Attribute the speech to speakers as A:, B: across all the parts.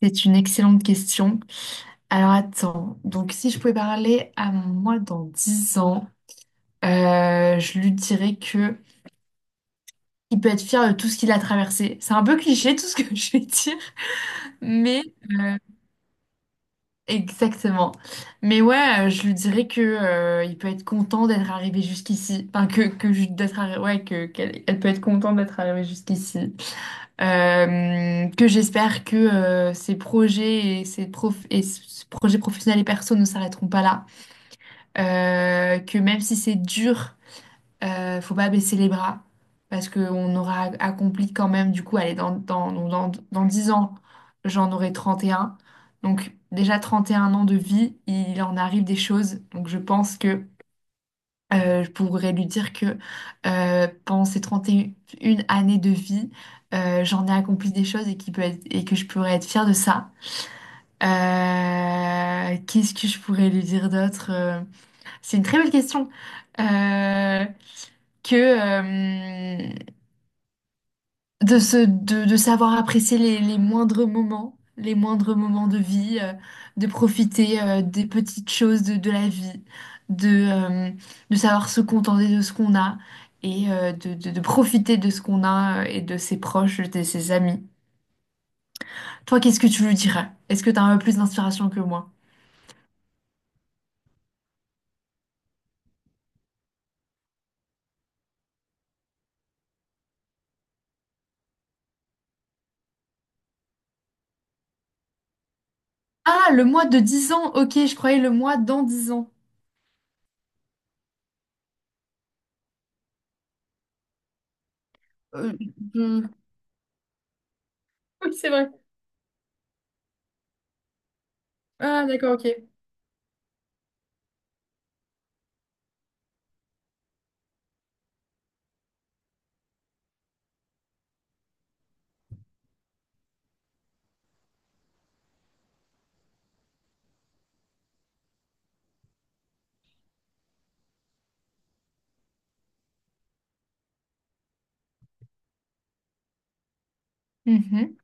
A: C'est une excellente question. Alors attends, donc si je pouvais parler à mon moi dans 10 ans, je lui dirais que il peut être fier de tout ce qu'il a traversé. C'est un peu cliché tout ce que je vais dire, mais euh, exactement. Mais ouais, je lui dirais que il peut être content d'être arrivé jusqu'ici. Enfin que ouais que qu'elle elle peut être contente d'être arrivée jusqu'ici. Que j'espère que ces projets et et ce projet professionnel et perso ne s'arrêteront pas là. Que même si c'est dur, faut pas baisser les bras parce qu'on aura accompli quand même, du coup, allez, dans 10 ans, j'en aurai 31. Donc déjà 31 ans de vie, il en arrive des choses. Donc je pense que je pourrais lui dire que pendant ces trente et une années de vie, j'en ai accompli des choses et, et que je pourrais être fière de ça. Qu'est-ce que je pourrais lui dire d'autre? C'est une très belle question. Euh, que de savoir apprécier les moindres moments, les moindres moments de vie, de profiter des petites choses de la vie, de, euh, de savoir se contenter de ce qu'on a et de profiter de ce qu'on a et de ses proches, de ses amis. Toi, qu'est-ce que tu lui dirais? Est-ce que tu as un peu plus d'inspiration que moi? Ah, le mois de dix ans, ok, je croyais le mois dans 10 ans. Euh, je- Oui, c'est vrai. Ah, d'accord, ok. Mhm,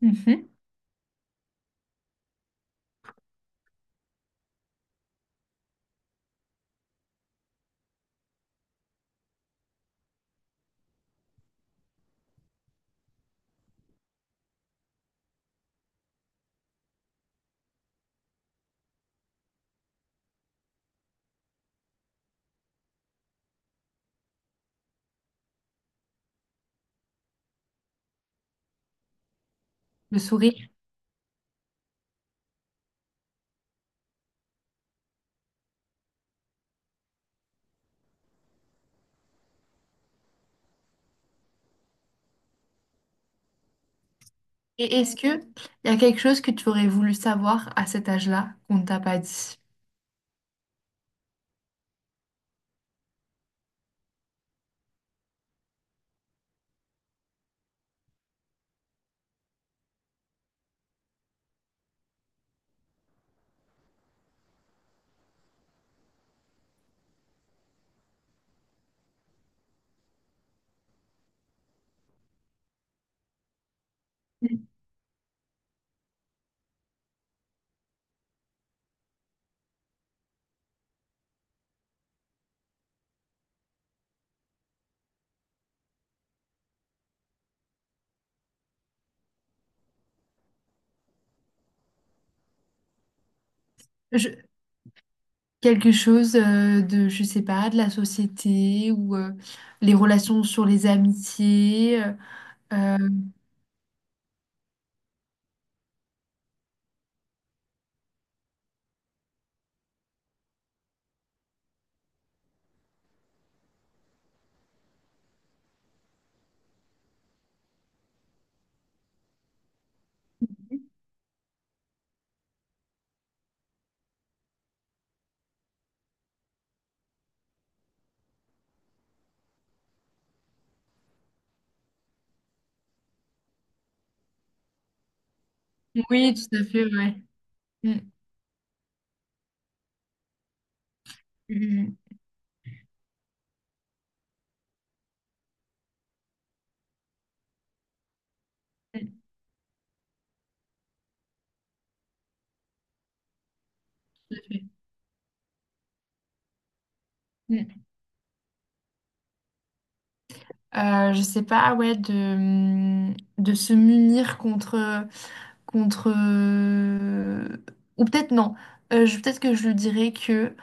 A: mhm. Le sourire. Et est-ce que il y a quelque chose que tu aurais voulu savoir à cet âge-là qu'on ne t'a pas dit? Je- Quelque chose de, je sais pas, de la société ou les relations sur les amitiés. Euh, oui, tout à fait, ouais. Mm, mm, mm, tout à fait. Mm. Je sais pas, ouais, de se munir contre, ou peut-être non. Je Peut-être que je lui dirais que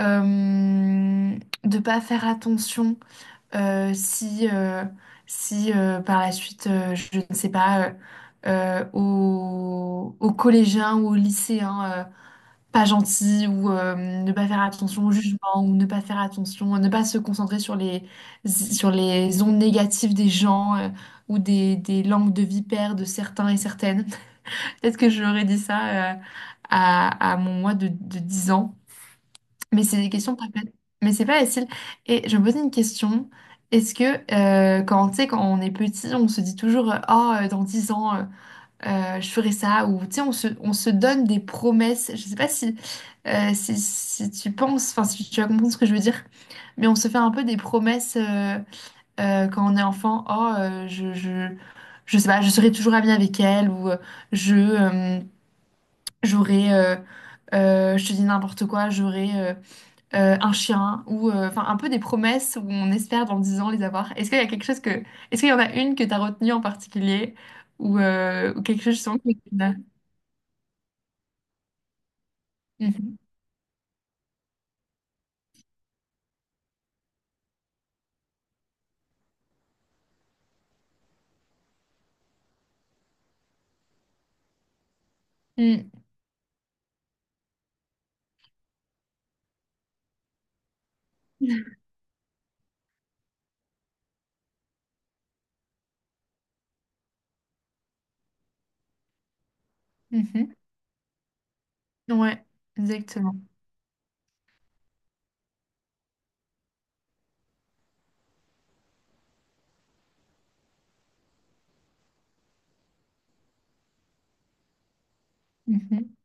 A: euh, de pas faire attention euh, si euh, si par la suite je ne sais pas aux collégiens ou aux lycéens pas gentils ou ne pas faire attention au jugement ou ne pas faire attention ne pas se concentrer sur les ondes négatives des gens ou des langues de vipère de certains et certaines. Peut-être que j'aurais dit ça à mon moi de 10 ans. Mais c'est des questions pas faciles. Mais c'est pas facile. Et je me posais une question. Est-ce que quand, tu sais, quand on est petit, on se dit toujours oh, dans 10 ans, je ferai ça. Ou tu sais, on se donne des promesses. Je sais pas si tu penses, enfin, si tu vas comprendre ce que je veux dire. Mais on se fait un peu des promesses quand on est enfant. Oh, je sais pas, je serai toujours amie avec elle. Ou je. J'aurais, je te dis n'importe quoi, j'aurais un chien ou enfin un peu des promesses où on espère dans 10 ans les avoir. Est-ce qu'il y a quelque chose est-ce qu'il y en a une que tu as retenue en particulier ou quelque chose justement que. Mhm. Mhm. Mm. Mhm. Ouais, exactement. Mhm.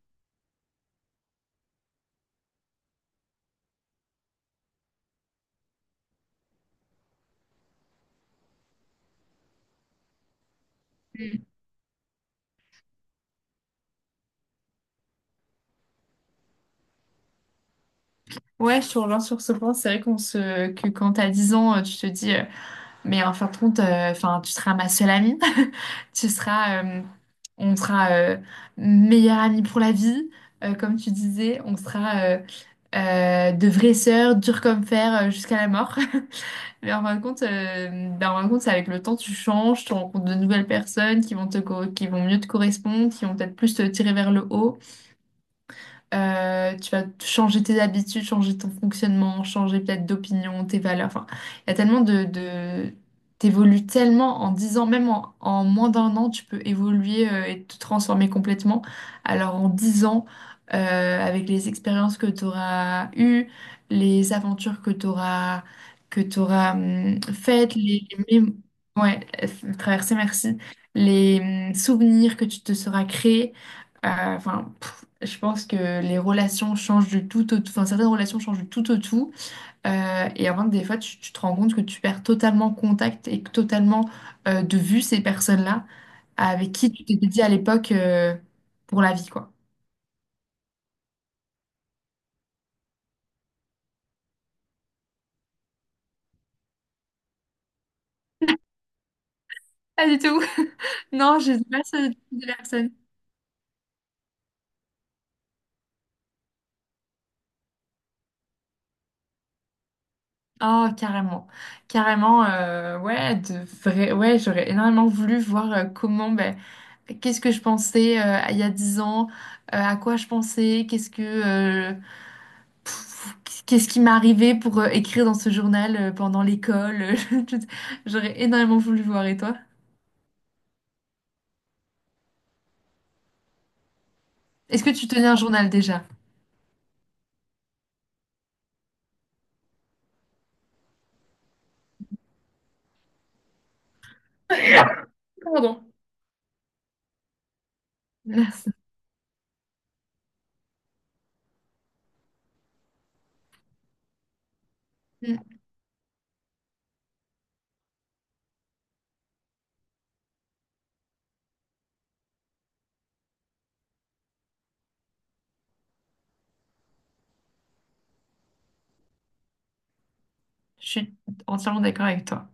A: Ouais, je te rejoins sur ce point. C'est vrai que quand t'as 10 ans, tu te dis. Mais en fin de compte, enfin, tu seras ma seule amie. Tu seras, euh, on sera meilleure amie pour la vie, comme tu disais. On sera de vraies sœurs, dures comme fer, jusqu'à la mort. Mais en fin de compte, ben, en fin de compte, c'est avec le temps, tu changes, tu rencontres de nouvelles personnes qui vont mieux te correspondre, qui vont peut-être plus te tirer vers le haut. Tu vas changer tes habitudes, changer ton fonctionnement, changer peut-être d'opinion, tes valeurs. Enfin, il y a tellement de. T'évolues tellement en 10 ans, même en moins d'un an, tu peux évoluer et te transformer complètement. Alors en 10 ans, avec les expériences que tu auras eues, les aventures que tu auras faites, ouais, traversées, merci, les souvenirs que tu te seras créés. euh, Enfin, je pense que les relations changent du tout au tout. Enfin, certaines relations changent du tout au tout. Et avant que des fois, tu te rends compte que tu perds totalement contact et que totalement de vue ces personnes-là avec qui tu t'étais dit à l'époque pour la vie, quoi. Pas du tout. Non, je sais pas ce type de personne. Oh, carrément. Carrément, ouais, de vrai, ouais, j'aurais énormément voulu voir comment, ben, qu'est-ce que je pensais il y a 10 ans, à quoi je pensais, Qu'est-ce qui m'est arrivé pour écrire dans ce journal pendant l'école? J'aurais énormément voulu voir. Et toi? Est-ce que tu tenais un journal déjà? Pardon. Merci. Mm. Je suis entièrement d'accord avec toi.